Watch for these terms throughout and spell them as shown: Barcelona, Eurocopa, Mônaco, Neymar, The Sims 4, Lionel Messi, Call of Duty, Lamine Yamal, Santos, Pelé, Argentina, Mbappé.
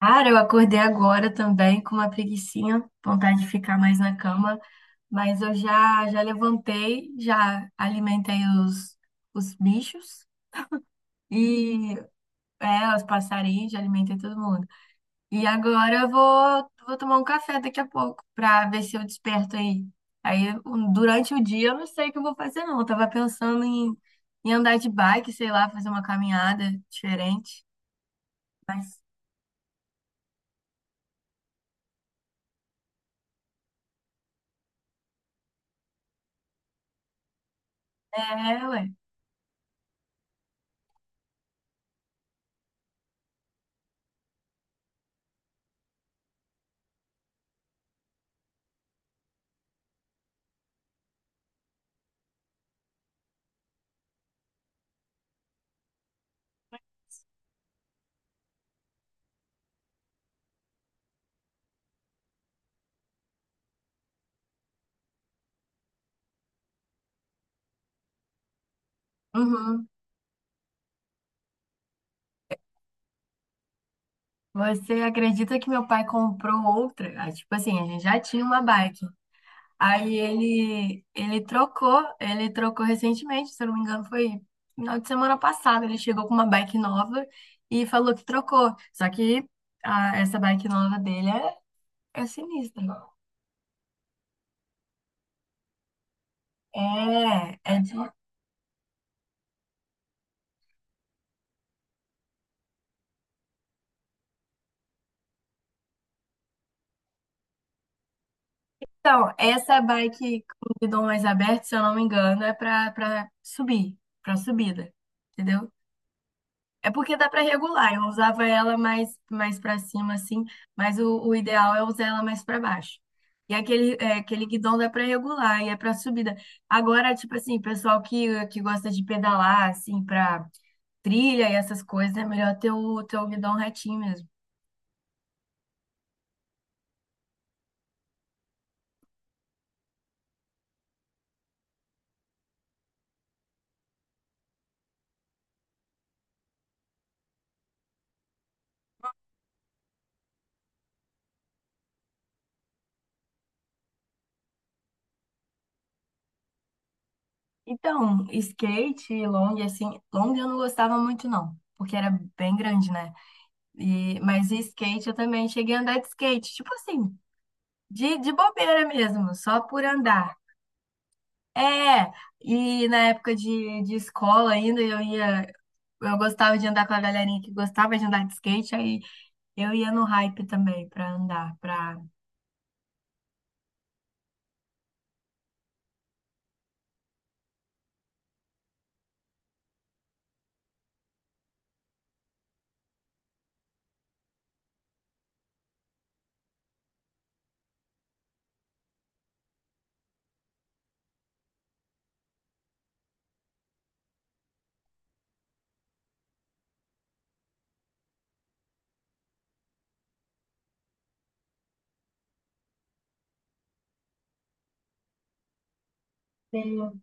Cara, eu acordei agora também com uma preguicinha, vontade de ficar mais na cama, mas eu já levantei, já alimentei os, os bichos e os passarinhos, já alimentei todo mundo. E agora eu vou tomar um café daqui a pouco pra ver se eu desperto aí. Durante o dia eu não sei o que eu vou fazer não, eu tava pensando em andar de bike, sei lá, fazer uma caminhada diferente, mas é, ué. Uhum. Você acredita que meu pai comprou outra? Ah, tipo assim, a gente já tinha uma bike. Aí ele trocou, ele trocou recentemente, se eu não me engano, foi final de semana passada. Ele chegou com uma bike nova e falou que trocou. Só que essa bike nova dele é, é sinistra. É, é de... Então, essa bike com guidão mais aberto, se eu não me engano, é pra subir, pra subida. Entendeu? É porque dá pra regular. Eu usava ela mais para cima assim, mas o ideal é usar ela mais pra baixo. E aquele é, aquele guidão dá pra regular e é pra subida. Agora, tipo assim, pessoal que gosta de pedalar assim pra trilha e essas coisas, é melhor ter o guidão retinho mesmo. Então, skate e long assim, long eu não gostava muito não, porque era bem grande, né? E mas e skate eu também cheguei a andar de skate, tipo assim, de bobeira mesmo, só por andar. É, e na época de escola ainda eu ia, eu gostava de andar com a galerinha que gostava de andar de skate, aí eu ia no hype também pra andar, pra... Sim.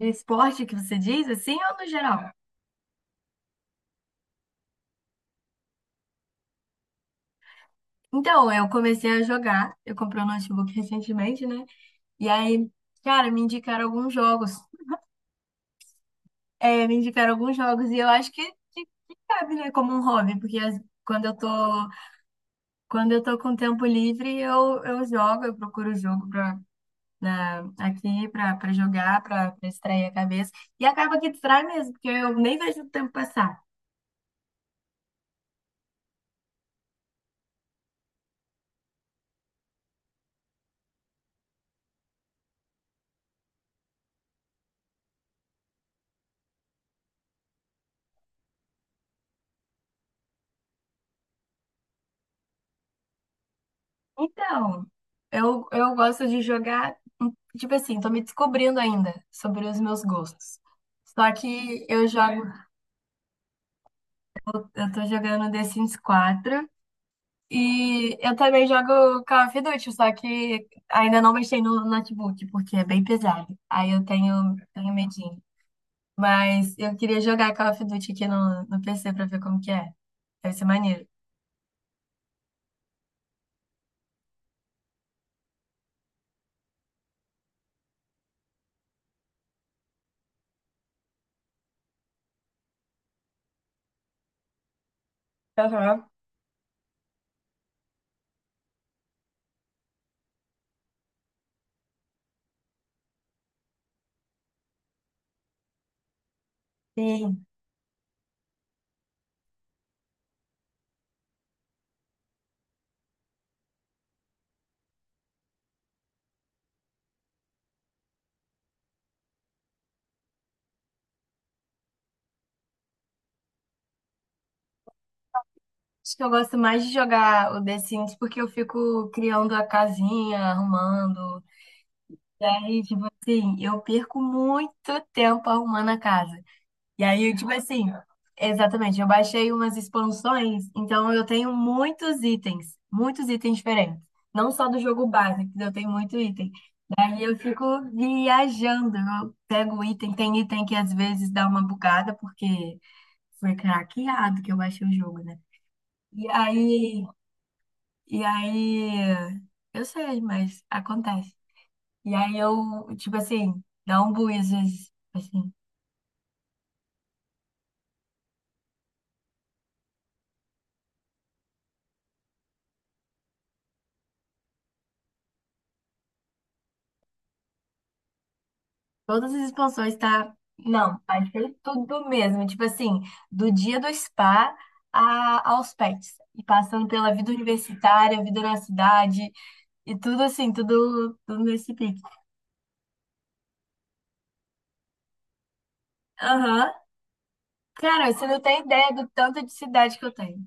Esporte que você diz, assim, ou no geral? Então, eu comecei a jogar, eu comprei um notebook recentemente, né? E aí, cara, me indicaram alguns jogos. É, me indicaram alguns jogos e eu acho que cabe, né, como um hobby, porque quando eu tô quando eu tô com tempo livre, eu jogo, eu procuro jogo aqui para jogar, para distrair a cabeça. E acaba que distrai mesmo, porque eu nem vejo o tempo passar. Então, eu gosto de jogar, tipo assim, tô me descobrindo ainda sobre os meus gostos. Só que eu jogo, eu tô jogando The Sims 4 e eu também jogo Call of Duty, só que ainda não mexi no notebook, porque é bem pesado. Aí eu tenho medinho. Mas eu queria jogar Call of Duty aqui no PC pra ver como que é. Deve ser maneiro. Aham. E acho que eu gosto mais de jogar o The Sims porque eu fico criando a casinha, arrumando. E aí, tipo assim, eu perco muito tempo arrumando a casa. E aí, tipo assim, exatamente, eu baixei umas expansões, então eu tenho muitos itens diferentes. Não só do jogo base, que eu tenho muitos itens. Aí eu fico viajando, eu pego o item, tem item que às vezes dá uma bugada, porque foi craqueado que eu baixei o jogo, né? E aí, e aí, eu sei, mas acontece. E aí eu, tipo assim, dá um bug às vezes, assim, todas as expansões tá, não, baixei tudo mesmo, tipo assim, do dia do spa a, aos pets, e passando pela vida universitária, vida na cidade, e tudo assim, tudo, tudo nesse pique. Aham. Cara, você não tem ideia do tanto de cidade que eu tenho.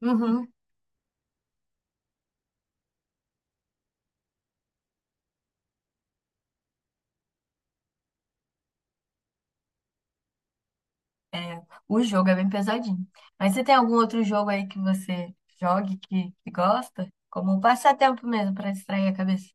Uhum. É, o jogo é bem pesadinho. Mas você tem algum outro jogo aí que você jogue que gosta? Como um passatempo mesmo, pra distrair a cabeça.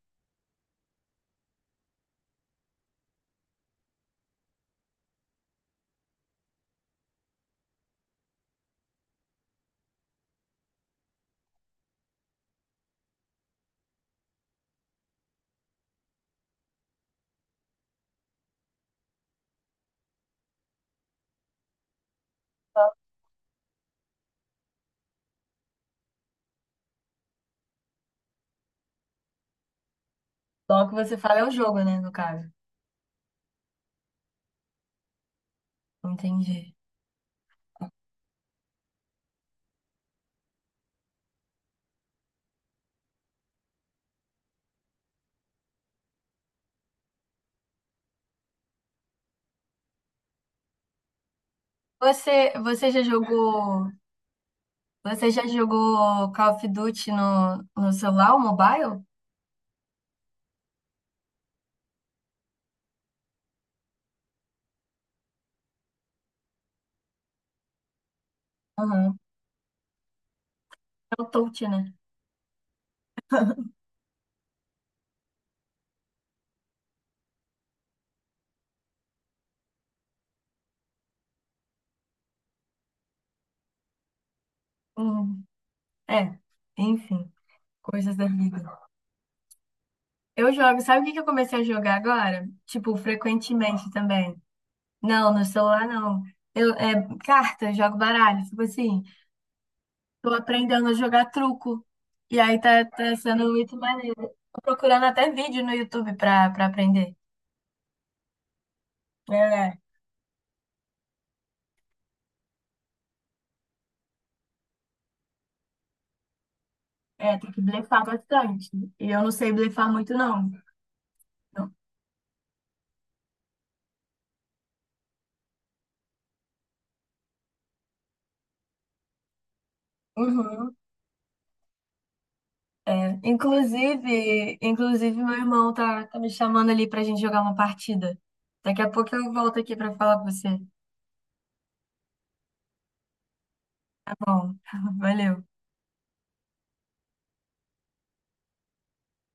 Logo que você fala é o jogo, né, no caso. Entendi. Você, você já jogou, você já jogou Call of Duty no celular, o mobile? Uhum. É o touch, né? Uhum. É, enfim, coisas da vida. Eu jogo. Sabe o que que eu comecei a jogar agora? Tipo, frequentemente também. Não, no celular não. Eu, é, carta, eu jogo baralho. Tipo assim, tô aprendendo a jogar truco. E aí tá, tá sendo muito maneiro. Tô procurando até vídeo no YouTube pra, pra aprender. É, é, tem que blefar bastante. E eu não sei blefar muito, não. Uhum. Inclusive meu irmão tá, tá me chamando ali pra gente jogar uma partida. Daqui a pouco eu volto aqui pra falar com você. Bom, valeu.